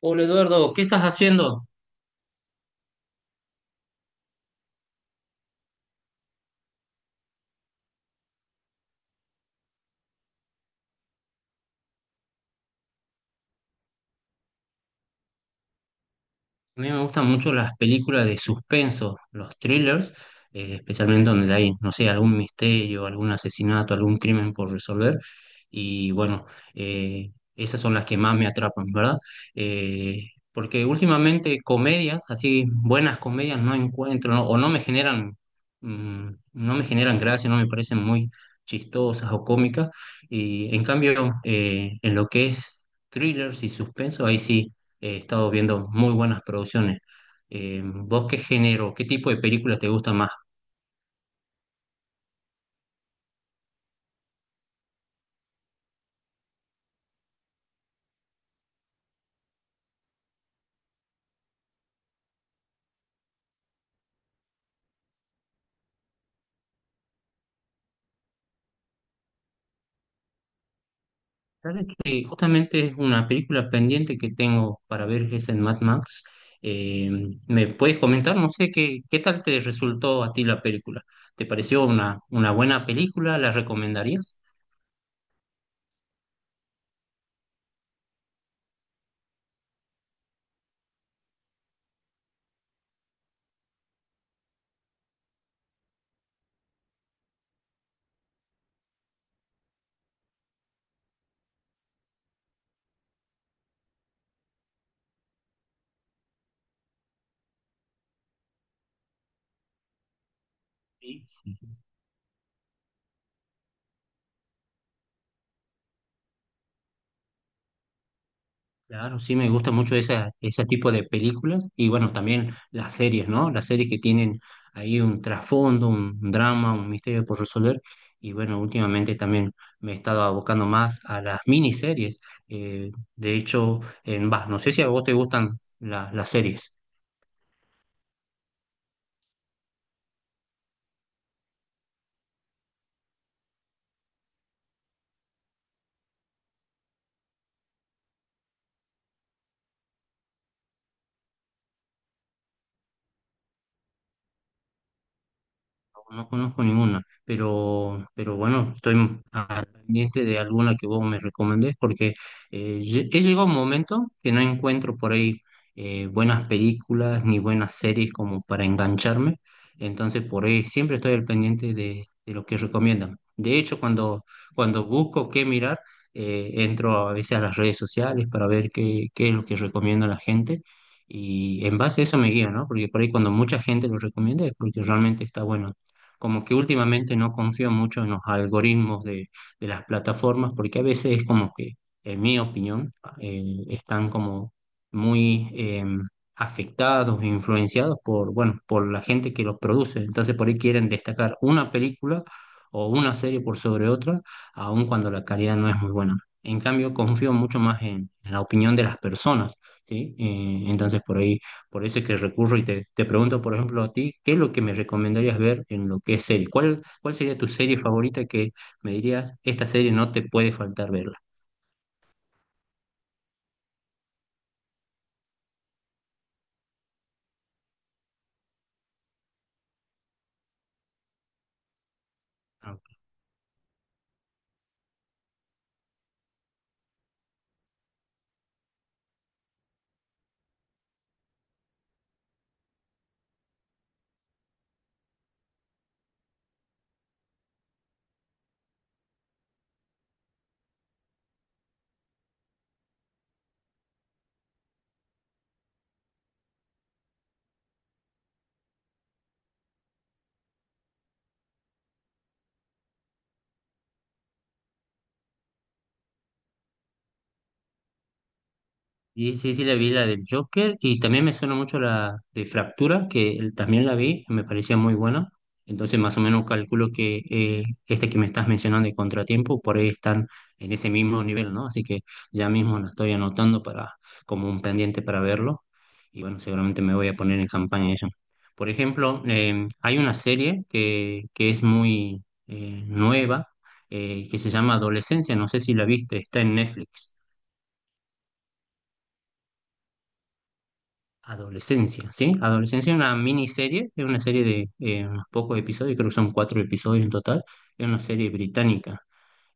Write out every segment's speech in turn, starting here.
Hola Eduardo, ¿qué estás haciendo? A mí me gustan mucho las películas de suspenso, los thrillers, especialmente donde hay, no sé, algún misterio, algún asesinato, algún crimen por resolver. Y bueno, eh, esas son las que más me atrapan, ¿verdad? Porque últimamente comedias, así buenas comedias, no encuentro, ¿no? O mm, no me generan gracia, no me parecen muy chistosas o cómicas. Y en cambio, en lo que es thrillers y suspenso, ahí sí. He estado viendo muy buenas producciones. ¿Vos qué género, qué tipo de películas te gusta más? Sabes que justamente es una película pendiente que tengo para ver, es en Mad Max. Eh, ¿Me puedes comentar? No sé qué tal te resultó a ti la película. ¿Te pareció una buena película? ¿La recomendarías? Sí. Claro, sí me gusta mucho ese tipo de películas y bueno, también las series, ¿no? Las series que tienen ahí un trasfondo, un drama, un misterio por resolver, y bueno, últimamente también me he estado abocando más a las miniseries. De hecho, no sé si a vos te gustan las series. No conozco ninguna, pero, bueno, estoy al pendiente de alguna que vos me recomendés porque he llegado a un momento que no encuentro por ahí buenas películas ni buenas series como para engancharme, entonces por ahí siempre estoy al pendiente de lo que recomiendan. De hecho, cuando busco qué mirar, entro a veces a las redes sociales para ver qué es lo que recomienda la gente. Y en base a eso me guío, ¿no? Porque por ahí cuando mucha gente lo recomienda es porque realmente está bueno, como que últimamente no confío mucho en los algoritmos de las plataformas, porque a veces es como que, en mi opinión, eh, están como muy afectados e influenciados por, bueno, por la gente que los produce. Entonces por ahí quieren destacar una película o una serie por sobre otra, aun cuando la calidad no es muy buena. En cambio, confío mucho más en la opinión de las personas, ¿sí? Entonces por ahí por eso es que recurro y te pregunto, por ejemplo, a ti, ¿qué es lo que me recomendarías ver en lo que es serie? ¿Cuál sería tu serie favorita que me dirías, ¿esta serie no te puede faltar verla? Ah, sí, sí, sí, la vi la del Joker y también me suena mucho la de Fractura, también la vi, me parecía muy buena. Entonces, más o menos calculo que esta que me estás mencionando de Contratiempo, por ahí están en ese mismo nivel, ¿no? Así que ya mismo la estoy anotando, para, como un pendiente para verlo. Y bueno, seguramente me voy a poner en campaña eso. Por ejemplo, hay una serie que es muy nueva, que se llama Adolescencia, no sé si la viste, está en Netflix. Adolescencia, ¿sí? Adolescencia es una miniserie, es una serie de unos pocos episodios, creo que son cuatro episodios en total, es una serie británica.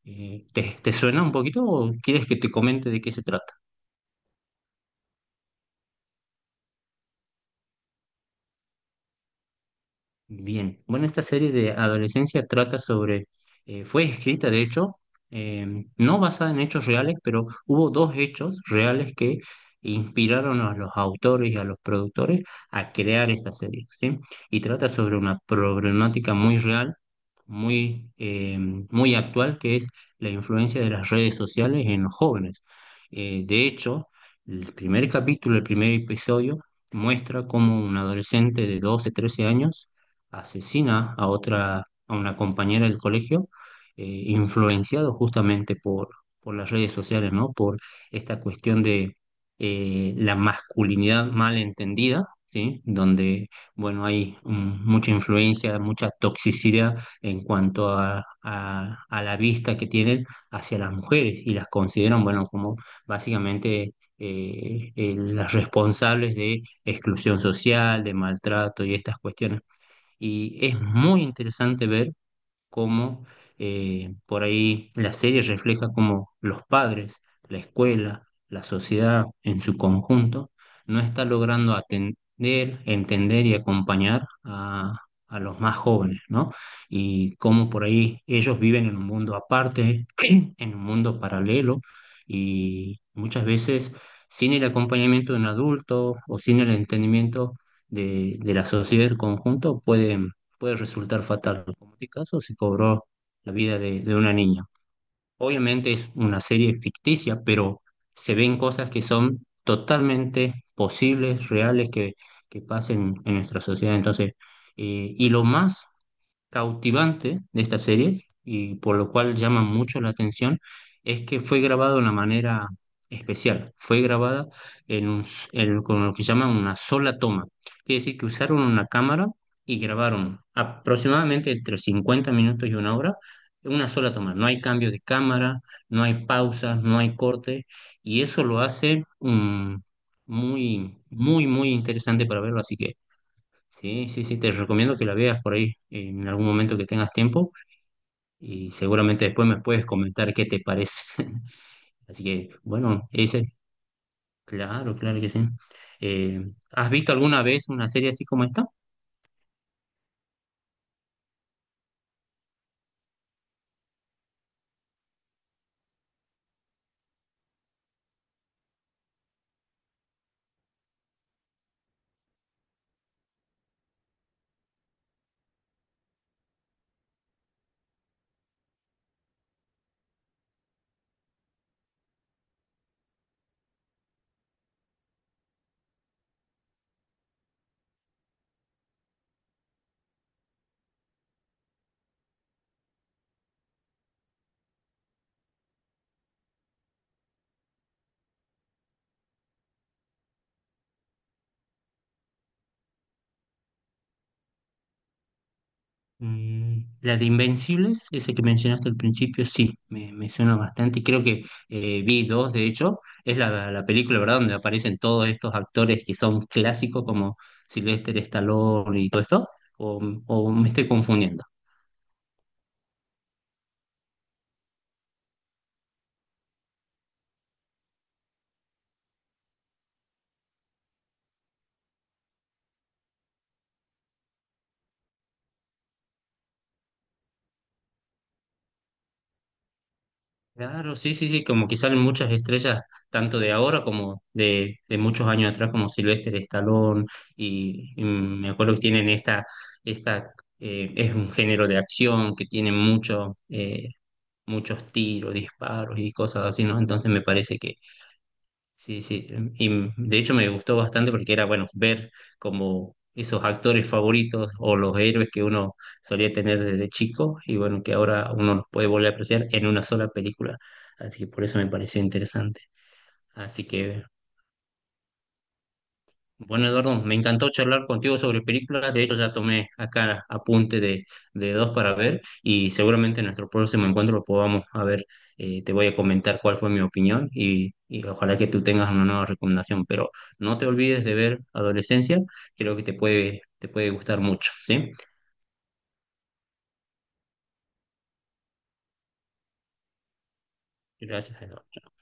Te suena un poquito o quieres que te comente de qué se trata? Bien, bueno, esta serie de Adolescencia trata sobre, fue escrita de hecho, no basada en hechos reales, pero hubo dos hechos reales que inspiraron a los autores y a los productores a crear esta serie, ¿sí? Y trata sobre una problemática muy real, muy, eh, muy actual, que es la influencia de las redes sociales en los jóvenes. De hecho, el primer capítulo, el primer episodio, muestra cómo un adolescente de 12, 13 años asesina a otra, a una compañera del colegio, influenciado justamente por las redes sociales, ¿no? Por esta cuestión de la masculinidad mal entendida, ¿sí? Donde, bueno, hay mucha influencia, mucha toxicidad en cuanto a la vista que tienen hacia las mujeres y las consideran, bueno, como básicamente, las responsables de exclusión social, de maltrato y estas cuestiones. Y es muy interesante ver cómo por ahí la serie refleja cómo los padres, la escuela, la sociedad en su conjunto no está logrando atender, entender y acompañar a los más jóvenes, ¿no? Y cómo por ahí ellos viven en un mundo aparte, en un mundo paralelo, y muchas veces sin el acompañamiento de un adulto o sin el entendimiento de la sociedad del conjunto puede resultar fatal, como en este caso se cobró la vida de una niña. Obviamente es una serie ficticia, pero se ven cosas que son totalmente posibles, reales, que pasen en nuestra sociedad. Entonces, y lo más cautivante de esta serie y por lo cual llama mucho la atención es que fue grabado de una manera especial. Fue grabada en un, con lo que llaman una sola toma. Quiere decir que usaron una cámara y grabaron aproximadamente entre 50 minutos y una hora en una sola toma. No hay cambio de cámara, no hay pausas, no hay corte, y eso lo hace muy, muy, muy interesante para verlo. Así que. Sí, sí, sí, te recomiendo que la veas por ahí en algún momento que tengas tiempo y seguramente después me puedes comentar qué te parece. Así que, bueno, ese, claro, claro que sí. Eh, ¿Has visto alguna vez una serie así como esta? Mm, la de Invencibles, esa que mencionaste al principio, sí, me suena bastante y creo que vi dos, de hecho, es la película, ¿verdad?, donde aparecen todos estos actores que son clásicos como Sylvester Stallone y todo esto, o o me estoy confundiendo? Claro, sí, sí, sí, como que salen muchas estrellas, tanto de ahora como de muchos años atrás, como Sylvester Stallone, y me acuerdo que tienen esta, esta es un género de acción que tiene muchos tiros, disparos y cosas así, ¿no? Entonces me parece que. Sí, sí, y de hecho me gustó bastante porque era, bueno, ver como esos actores favoritos o los héroes que uno solía tener desde chico y bueno, que ahora uno los puede volver a apreciar en una sola película. Así que por eso me pareció interesante. Así que bueno, Eduardo, me encantó charlar contigo sobre películas. De hecho, ya tomé acá apunte de dos para ver y seguramente en nuestro próximo encuentro lo podamos a ver. Te voy a comentar cuál fue mi opinión y ojalá que tú tengas una nueva recomendación. Pero no te olvides de ver Adolescencia, creo que te puede gustar mucho, ¿sí? Gracias, Eduardo.